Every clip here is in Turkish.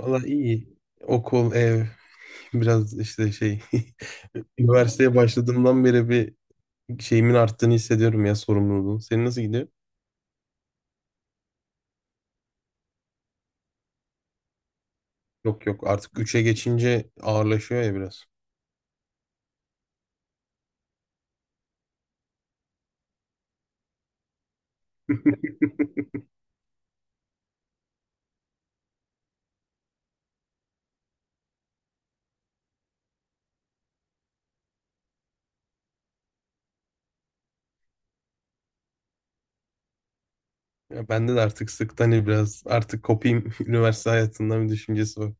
Valla iyi. Okul, ev, biraz işte şey. Üniversiteye başladığımdan beri bir şeyimin arttığını hissediyorum ya, sorumluluğun. Senin nasıl gidiyor? Yok yok, artık üçe geçince ağırlaşıyor ya biraz. Ya bende de artık sıktan hani biraz artık kopayım üniversite hayatından bir düşüncesi var.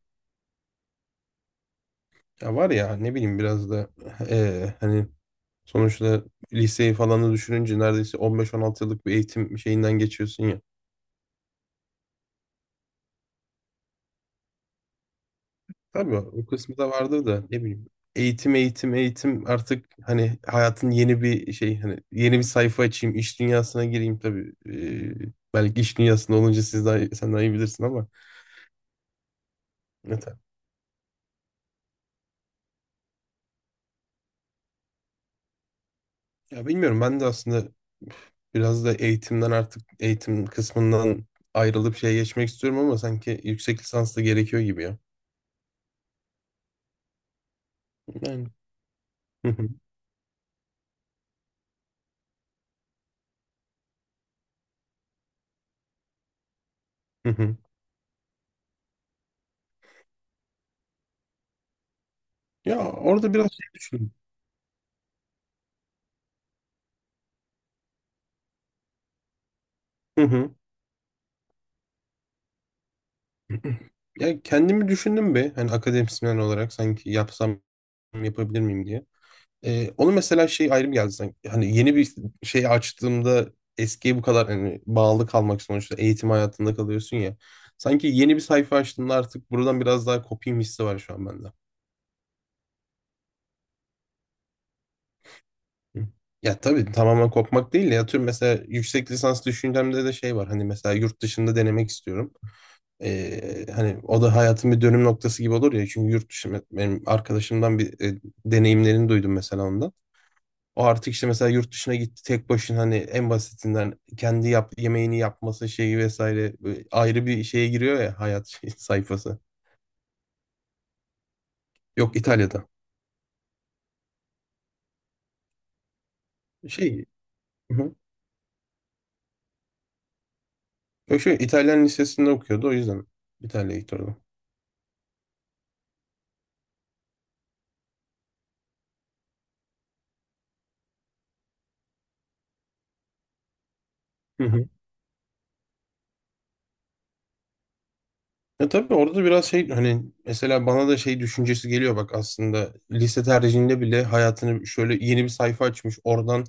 Ya var ya, ne bileyim, biraz da hani sonuçta liseyi falan da düşününce neredeyse 15-16 yıllık bir eğitim şeyinden geçiyorsun. Tabii o kısmı da vardır da ne bileyim. Eğitim, eğitim, eğitim artık, hani hayatın yeni bir şey, hani yeni bir sayfa açayım, iş dünyasına gireyim tabii. Belki iş dünyasında olunca siz daha, sen daha iyi bilirsin ama. Evet. Ya bilmiyorum, ben de aslında biraz da eğitimden, artık eğitim kısmından ayrılıp şeye geçmek istiyorum ama sanki yüksek lisans da gerekiyor gibi ya. Yani. Hı hı, hı hı. Ya orada biraz şey düşündüm. Ya kendimi düşündüm be, hani akademisyen olarak sanki yapsam, yapabilir miyim diye. Onu mesela şey ayrım geldi sanki. Hani yeni bir şey açtığımda eskiye bu kadar hani bağlı kalmak, sonuçta eğitim hayatında kalıyorsun ya. Sanki yeni bir sayfa açtığımda artık buradan biraz daha kopayım hissi var şu an bende. Hı. Ya tabii tamamen kopmak değil de, ya tüm mesela yüksek lisans düşüncemde de şey var. Hani mesela yurt dışında denemek istiyorum. Hani o da hayatın bir dönüm noktası gibi olur ya, çünkü yurt dışı, benim arkadaşımdan bir deneyimlerini duydum mesela ondan. O artık işte mesela yurt dışına gitti tek başına, hani en basitinden kendi yemeğini yapması şeyi vesaire, böyle ayrı bir şeye giriyor ya hayat sayfası. Yok, İtalya'da. Şey, hı hı. Yok, şu İtalyan lisesinde okuyordu, o yüzden İtalya'ya gitti orada. Ya tabii orada biraz şey, hani mesela bana da şey düşüncesi geliyor bak, aslında lise tercihinde bile hayatını şöyle yeni bir sayfa açmış oradan,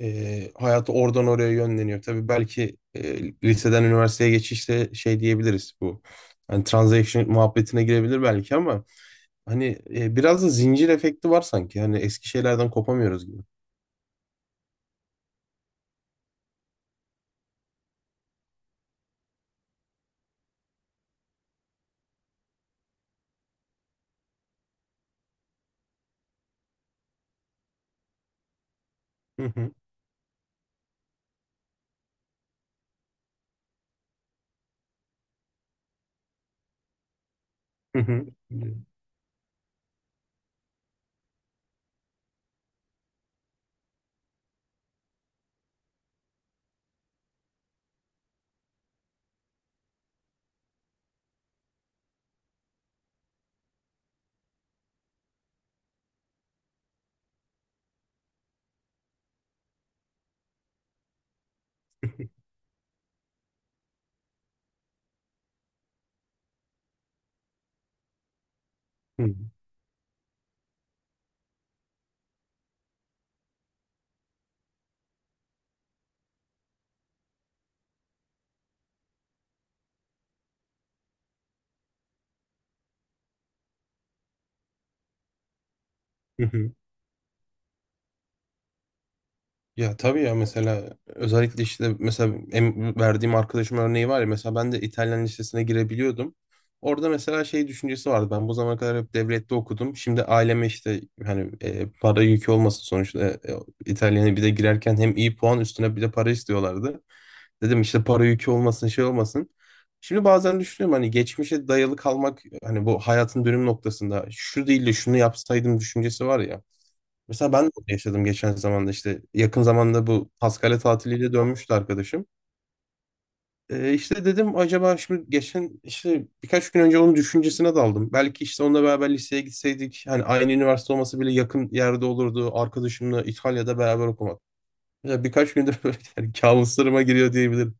hayatı oradan oraya yönleniyor. Tabii belki liseden üniversiteye geçişte şey diyebiliriz, bu hani transaction muhabbetine girebilir belki ama hani, biraz da zincir efekti var sanki, hani eski şeylerden kopamıyoruz gibi. Hı hı, hı hı. Hı hı. Ya tabii ya, mesela özellikle işte mesela verdiğim arkadaşım örneği var ya, mesela ben de İtalyan lisesine girebiliyordum. Orada mesela şey düşüncesi vardı, ben bu zamana kadar hep devlette okudum. Şimdi aileme işte hani para yükü olmasın, sonuçta İtalyan'a bir de girerken hem iyi puan üstüne bir de para istiyorlardı. Dedim işte para yükü olmasın, şey olmasın. Şimdi bazen düşünüyorum, hani geçmişe dayalı kalmak, hani bu hayatın dönüm noktasında şu değil de şunu yapsaydım düşüncesi var ya. Mesela ben de onu yaşadım geçen zamanda, işte yakın zamanda bu Paskalya tatiliyle dönmüştü arkadaşım. İşte dedim acaba, şimdi geçen işte birkaç gün önce onun düşüncesine daldım. Belki işte onunla beraber liseye gitseydik, hani aynı üniversite olması bile yakın yerde olurdu. Arkadaşımla İtalya'da beraber okumak. Mesela birkaç gündür böyle yani kabuslarıma giriyor diyebilirim.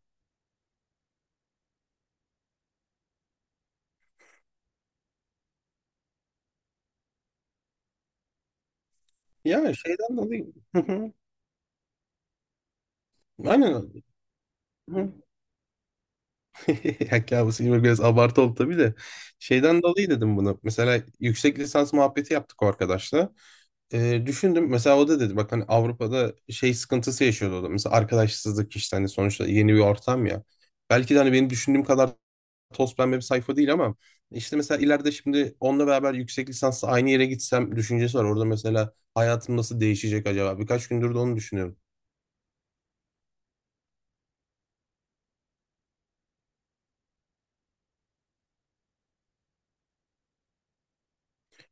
Ya şeyden dolayı. Hı hı. Aynen. Hı. Ya kabus gibi biraz abartı oldu tabii de. Şeyden dolayı dedim bunu. Mesela yüksek lisans muhabbeti yaptık o arkadaşla. Düşündüm, mesela o da dedi bak, hani Avrupa'da şey sıkıntısı yaşıyordu o da, mesela arkadaşsızlık işte, hani sonuçta yeni bir ortam ya. Belki de hani benim düşündüğüm kadar toz pembe bir sayfa değil ama işte mesela ileride şimdi onunla beraber yüksek lisansla aynı yere gitsem düşüncesi var. Orada mesela hayatım nasıl değişecek acaba? Birkaç gündür de onu düşünüyorum.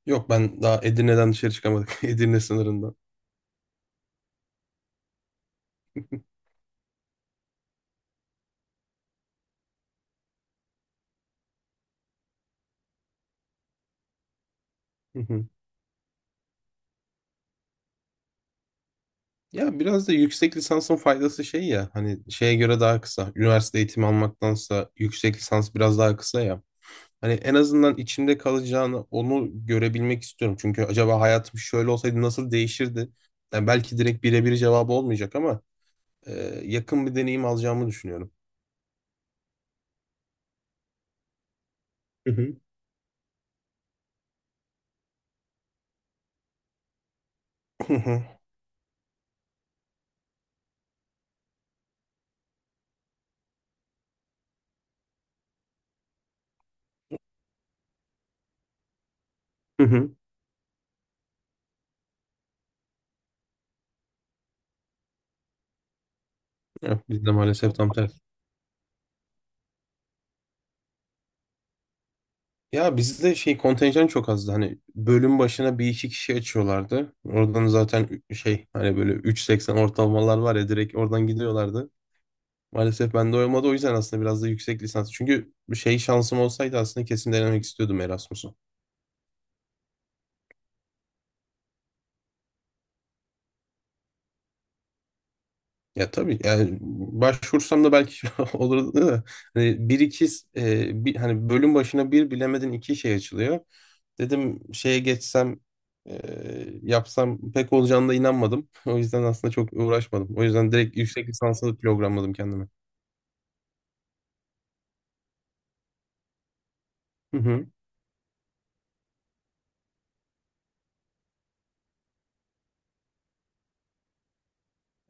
Yok, ben daha Edirne'den dışarı çıkamadık. Edirne sınırından. Hı hı. Ya biraz da yüksek lisansın faydası şey ya, hani şeye göre daha kısa. Üniversite eğitimi almaktansa yüksek lisans biraz daha kısa ya. Hani en azından içimde kalacağını, onu görebilmek istiyorum. Çünkü acaba hayatım şöyle olsaydı nasıl değişirdi? Yani belki direkt birebir cevabı olmayacak ama e, yakın bir deneyim alacağımı düşünüyorum. Hı hı. Hı hı. Hı hı. Ya, bizde maalesef tam tersi. Ya bizde şey, kontenjan çok azdı. Hani bölüm başına bir iki kişi açıyorlardı. Oradan zaten şey, hani böyle 3,80 ortalamalar var ya, direkt oradan gidiyorlardı. Maalesef ben de olmadı, o yüzden aslında biraz da yüksek lisans. Çünkü şey, şansım olsaydı aslında kesin denemek istiyordum Erasmus'u. Ya tabii yani başvursam da belki olurdu da hani bir iki, hani bölüm başına bir bilemedin iki şey açılıyor. Dedim şeye geçsem, e, yapsam, pek olacağına da inanmadım. O yüzden aslında çok uğraşmadım. O yüzden direkt yüksek lisansı programladım kendime. Hı hı.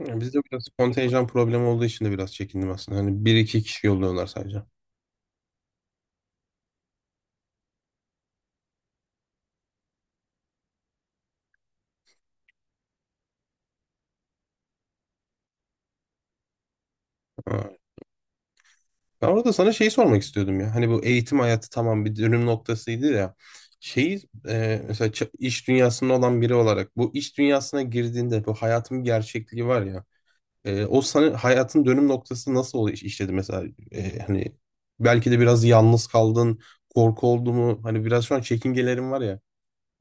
Yani bizde biraz kontenjan problemi olduğu için de biraz çekindim aslında. Hani bir iki kişi yolluyorlar sadece. Ha, ben orada sana şeyi sormak istiyordum ya. Hani bu eğitim hayatı tamam, bir dönüm noktasıydı ya. Şeyi, mesela iş dünyasında olan biri olarak, bu iş dünyasına girdiğinde bu hayatın bir gerçekliği var ya. O sana hayatın dönüm noktası nasıl oluyor işledi mesela? Hani belki de biraz yalnız kaldın, korku oldu mu? Hani biraz şu an çekingelerin var ya.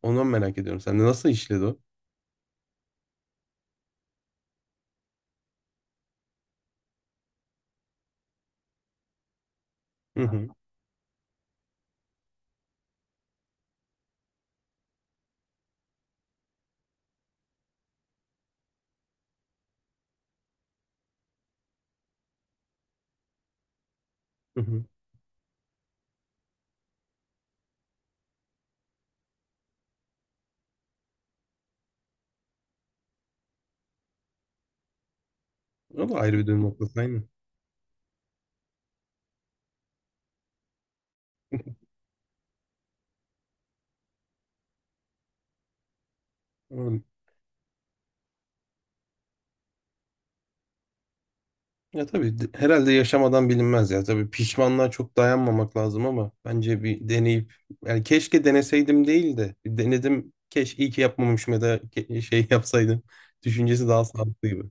Ondan merak ediyorum. Sen de nasıl işledi o? Hı hı. Hı hı. O da ayrı bir dönüm noktası aynı. Ya tabii herhalde yaşamadan bilinmez ya. Tabii pişmanlığa çok dayanmamak lazım ama bence bir deneyip, yani keşke deneseydim değil de, denedim, keşke iyi ki yapmamışım ya da şey yapsaydım düşüncesi daha sağlıklı gibi.